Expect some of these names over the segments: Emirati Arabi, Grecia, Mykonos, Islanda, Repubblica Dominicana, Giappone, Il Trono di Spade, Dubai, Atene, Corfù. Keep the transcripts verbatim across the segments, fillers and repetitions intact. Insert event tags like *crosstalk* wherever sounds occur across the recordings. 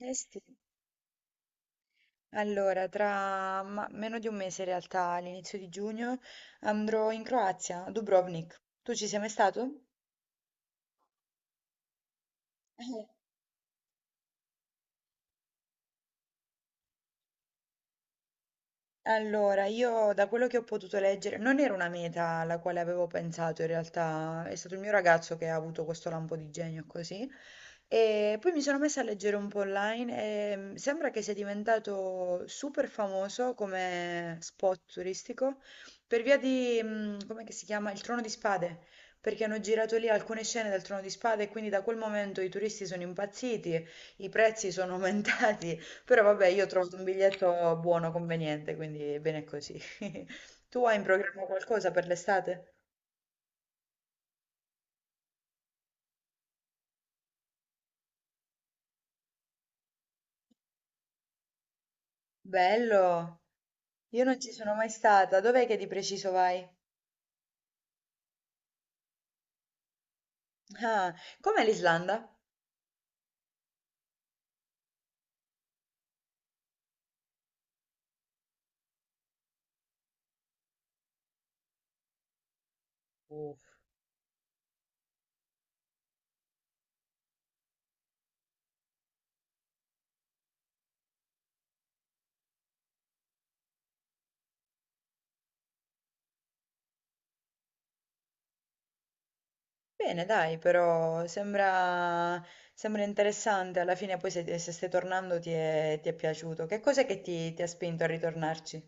Eh sì, allora tra ma- meno di un mese in realtà, all'inizio di giugno, andrò in Croazia, a Dubrovnik. Tu ci sei mai stato? Eh. Allora, io da quello che ho potuto leggere, non era una meta alla quale avevo pensato in realtà, è stato il mio ragazzo che ha avuto questo lampo di genio così. E poi mi sono messa a leggere un po' online e mm, sembra che sia diventato super famoso come spot turistico per via di, mm, com'è che si chiama? Il Trono di Spade, perché hanno girato lì alcune scene del Trono di Spade e quindi da quel momento i turisti sono impazziti, i prezzi sono *laughs* aumentati, però vabbè, io ho trovato un biglietto buono, conveniente, quindi bene così. *laughs* Tu hai in programma qualcosa per l'estate? Bello! Io non ci sono mai stata, dov'è che di preciso vai? Ah, com'è l'Islanda? Uff. Bene, dai, però sembra, sembra interessante. Alla fine poi se, se stai tornando ti è, ti è piaciuto. Che cos'è che ti, ti ha spinto a ritornarci?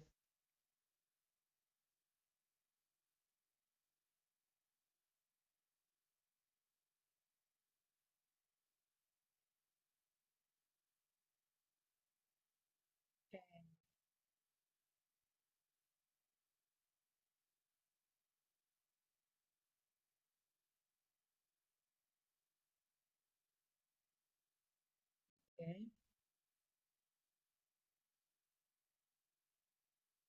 Ok.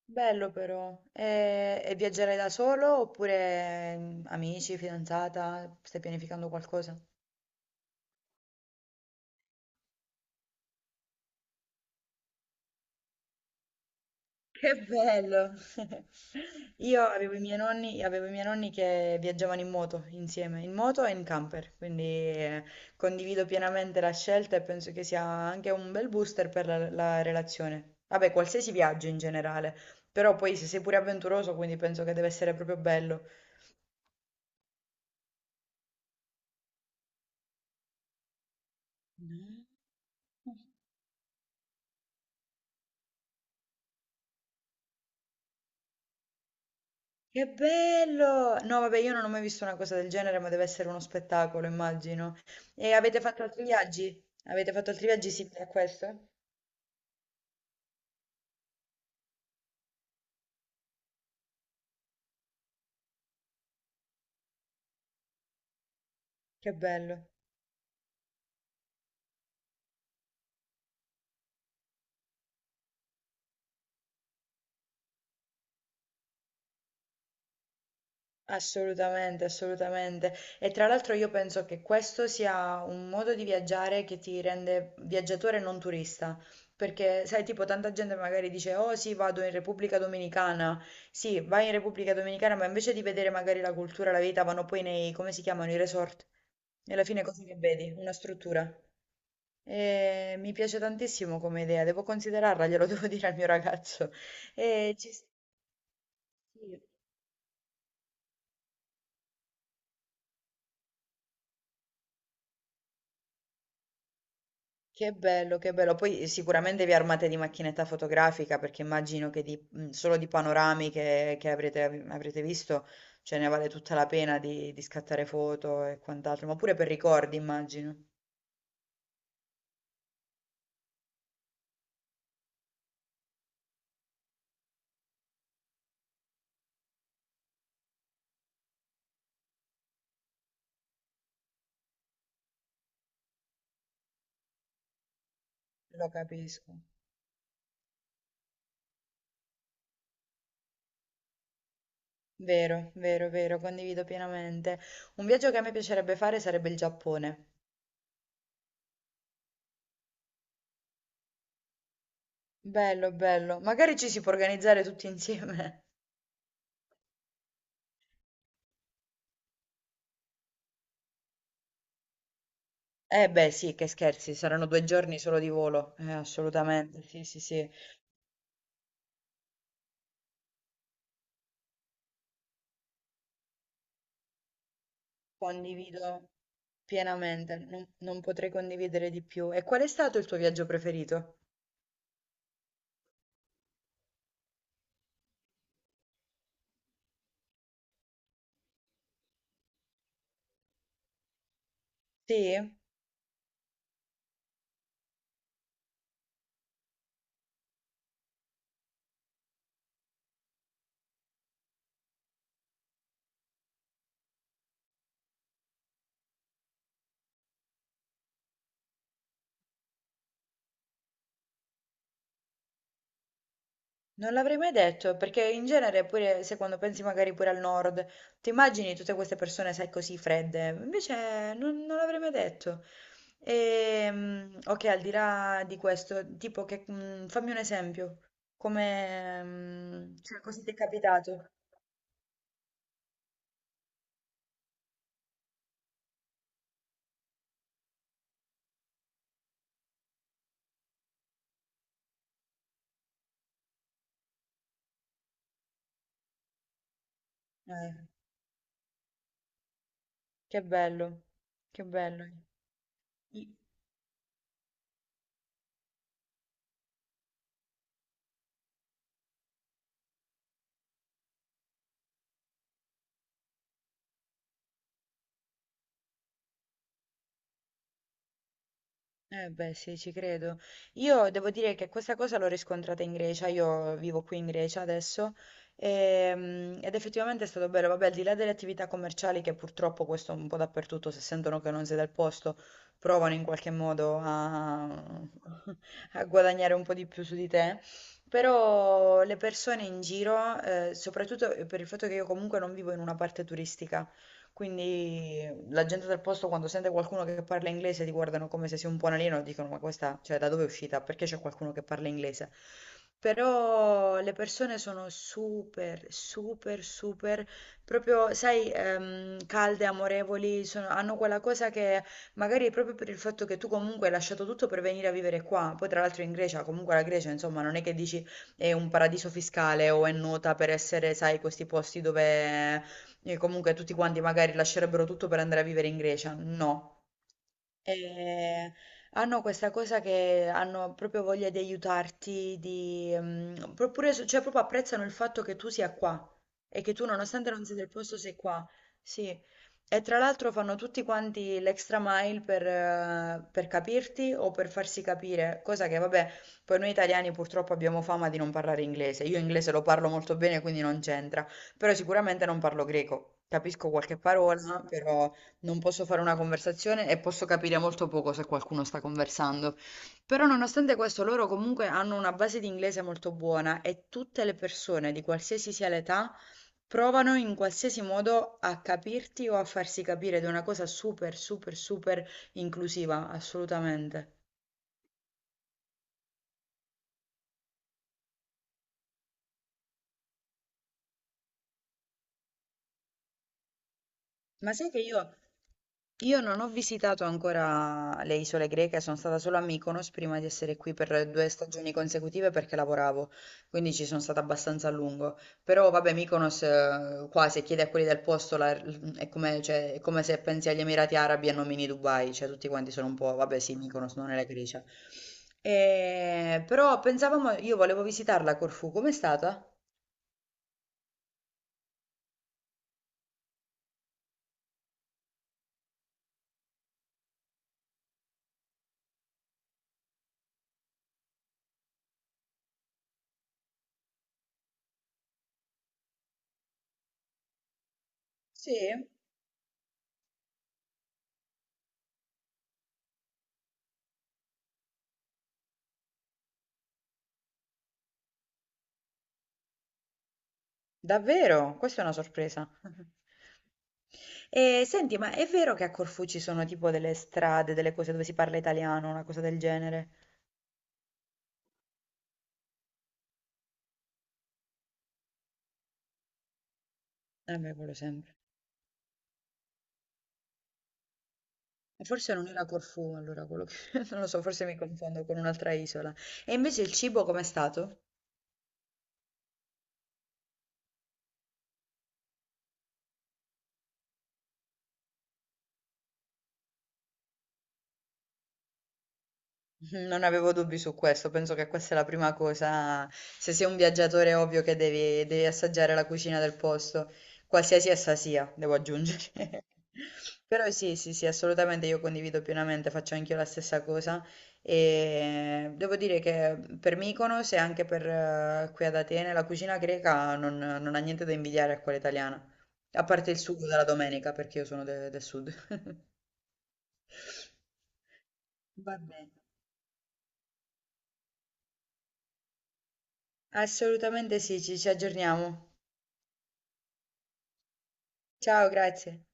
Bello però. E, e viaggerai da solo oppure mm, amici, fidanzata? Stai pianificando qualcosa? Che bello! *laughs* Io avevo i miei nonni, avevo i miei nonni che viaggiavano in moto insieme, in moto e in camper, quindi eh, condivido pienamente la scelta e penso che sia anche un bel booster per la, la relazione. Vabbè, qualsiasi viaggio in generale, però poi se sei pure avventuroso, quindi penso che deve essere proprio bello. Mm. Che bello! No, vabbè, io non ho mai visto una cosa del genere, ma deve essere uno spettacolo, immagino. E avete fatto altri viaggi? Avete fatto altri viaggi simili a questo? Che bello, assolutamente, assolutamente. E tra l'altro io penso che questo sia un modo di viaggiare che ti rende viaggiatore e non turista, perché sai, tipo tanta gente magari dice, oh sì, vado in Repubblica Dominicana, sì, vai in Repubblica Dominicana, ma invece di vedere magari la cultura, la vita, vanno poi nei, come si chiamano, i resort. E alla fine cosa che vedi? Una struttura. E mi piace tantissimo come idea, devo considerarla, glielo *laughs* devo dire al mio ragazzo. E ci... sì. Che bello, che bello. Poi eh, sicuramente vi armate di macchinetta fotografica perché immagino che di- mh, solo di panorami che, che avrete, avrete visto ce ne vale tutta la pena di, di scattare foto e quant'altro, ma pure per ricordi immagino. Lo capisco. Vero, vero, vero, condivido pienamente. Un viaggio che a me piacerebbe fare sarebbe il Giappone. Bello, bello. Magari ci si può organizzare tutti insieme. Eh beh, sì, che scherzi, saranno due giorni solo di volo. Eh, assolutamente, sì, sì, sì. Condivido. Pienamente, non, non potrei condividere di più. E qual è stato il tuo viaggio preferito? Sì? Non l'avrei mai detto, perché in genere pure se quando pensi magari pure al nord, ti immagini tutte queste persone, sai, così fredde. Invece non, non l'avrei mai detto. E, ok, al di là di questo, tipo che, mm, fammi un esempio. Come, mm, cioè, cosa ti è capitato? Eh, che bello, che bello. Eh beh, sì, ci credo. Io devo dire che questa cosa l'ho riscontrata in Grecia, io vivo qui in Grecia adesso. Ehm, ed effettivamente è stato bello, vabbè, al di là delle attività commerciali che purtroppo questo un po' dappertutto, se sentono che non sei del posto, provano in qualche modo a, *laughs* a guadagnare un po' di più su di te, però le persone in giro, eh, soprattutto per il fatto che io comunque non vivo in una parte turistica, quindi la gente del posto quando sente qualcuno che parla inglese ti guardano come se sia un po' un alieno e dicono ma questa, cioè da dove è uscita? Perché c'è qualcuno che parla inglese? Però le persone sono super, super, super, proprio, sai, ehm, calde, amorevoli, sono- hanno quella cosa che magari proprio per il fatto che tu comunque hai lasciato tutto per venire a vivere qua, poi tra l'altro in Grecia, comunque la Grecia, insomma, non è che dici è un paradiso fiscale o è nota per essere, sai, questi posti dove e comunque tutti quanti magari lascerebbero tutto per andare a vivere in Grecia. No, e hanno questa cosa che hanno proprio voglia di aiutarti, di, mm, pro- pure su- cioè proprio apprezzano il fatto che tu sia qua e che tu nonostante non sia del posto sei qua. Sì. E tra l'altro fanno tutti quanti l'extra mile per, eh, per capirti o per farsi capire, cosa che vabbè, poi noi italiani purtroppo abbiamo fama di non parlare inglese. Io inglese lo parlo molto bene, quindi non c'entra, però sicuramente non parlo greco. Capisco qualche parola, però non posso fare una conversazione e posso capire molto poco se qualcuno sta conversando. Però nonostante questo, loro comunque hanno una base di inglese molto buona e tutte le persone, di qualsiasi sia l'età, provano in qualsiasi modo a capirti o a farsi capire ed è una cosa super, super, super inclusiva, assolutamente. Ma sai che io Io non ho visitato ancora le isole greche, sono stata solo a Mykonos prima di essere qui per due stagioni consecutive perché lavoravo, quindi ci sono stata abbastanza a lungo. Però vabbè, Mykonos, eh, qua se chiedi a quelli del posto la- è come, cioè, è come se pensi agli Emirati Arabi e nomini Dubai, cioè tutti quanti sono un po', vabbè sì, Mykonos non è la Grecia. Eh, però pensavamo, io volevo visitarla a Corfù, com'è stata? Sì? Davvero? Questa è una sorpresa. *laughs* E senti, ma è vero che a Corfù ci sono tipo delle strade, delle cose dove si parla italiano, una cosa del genere? Eh beh, quello sempre. E Forse non era Corfù, allora quello che... *laughs* Non lo so, forse mi confondo con un'altra isola. E invece il cibo com'è stato? Non avevo dubbi su questo, penso che questa è la prima cosa. Se sei un viaggiatore è ovvio che devi, devi assaggiare la cucina del posto, qualsiasi essa sia, devo aggiungere. *laughs* Però sì, sì, sì, assolutamente io condivido pienamente, faccio anch'io la stessa cosa e devo dire che per Mykonos e anche per eh, qui ad Atene la cucina greca non, non ha niente da invidiare a quella italiana, a parte il sugo della domenica, perché io sono de- del sud. *laughs* Va bene. Assolutamente sì, ci ci aggiorniamo. Ciao, grazie.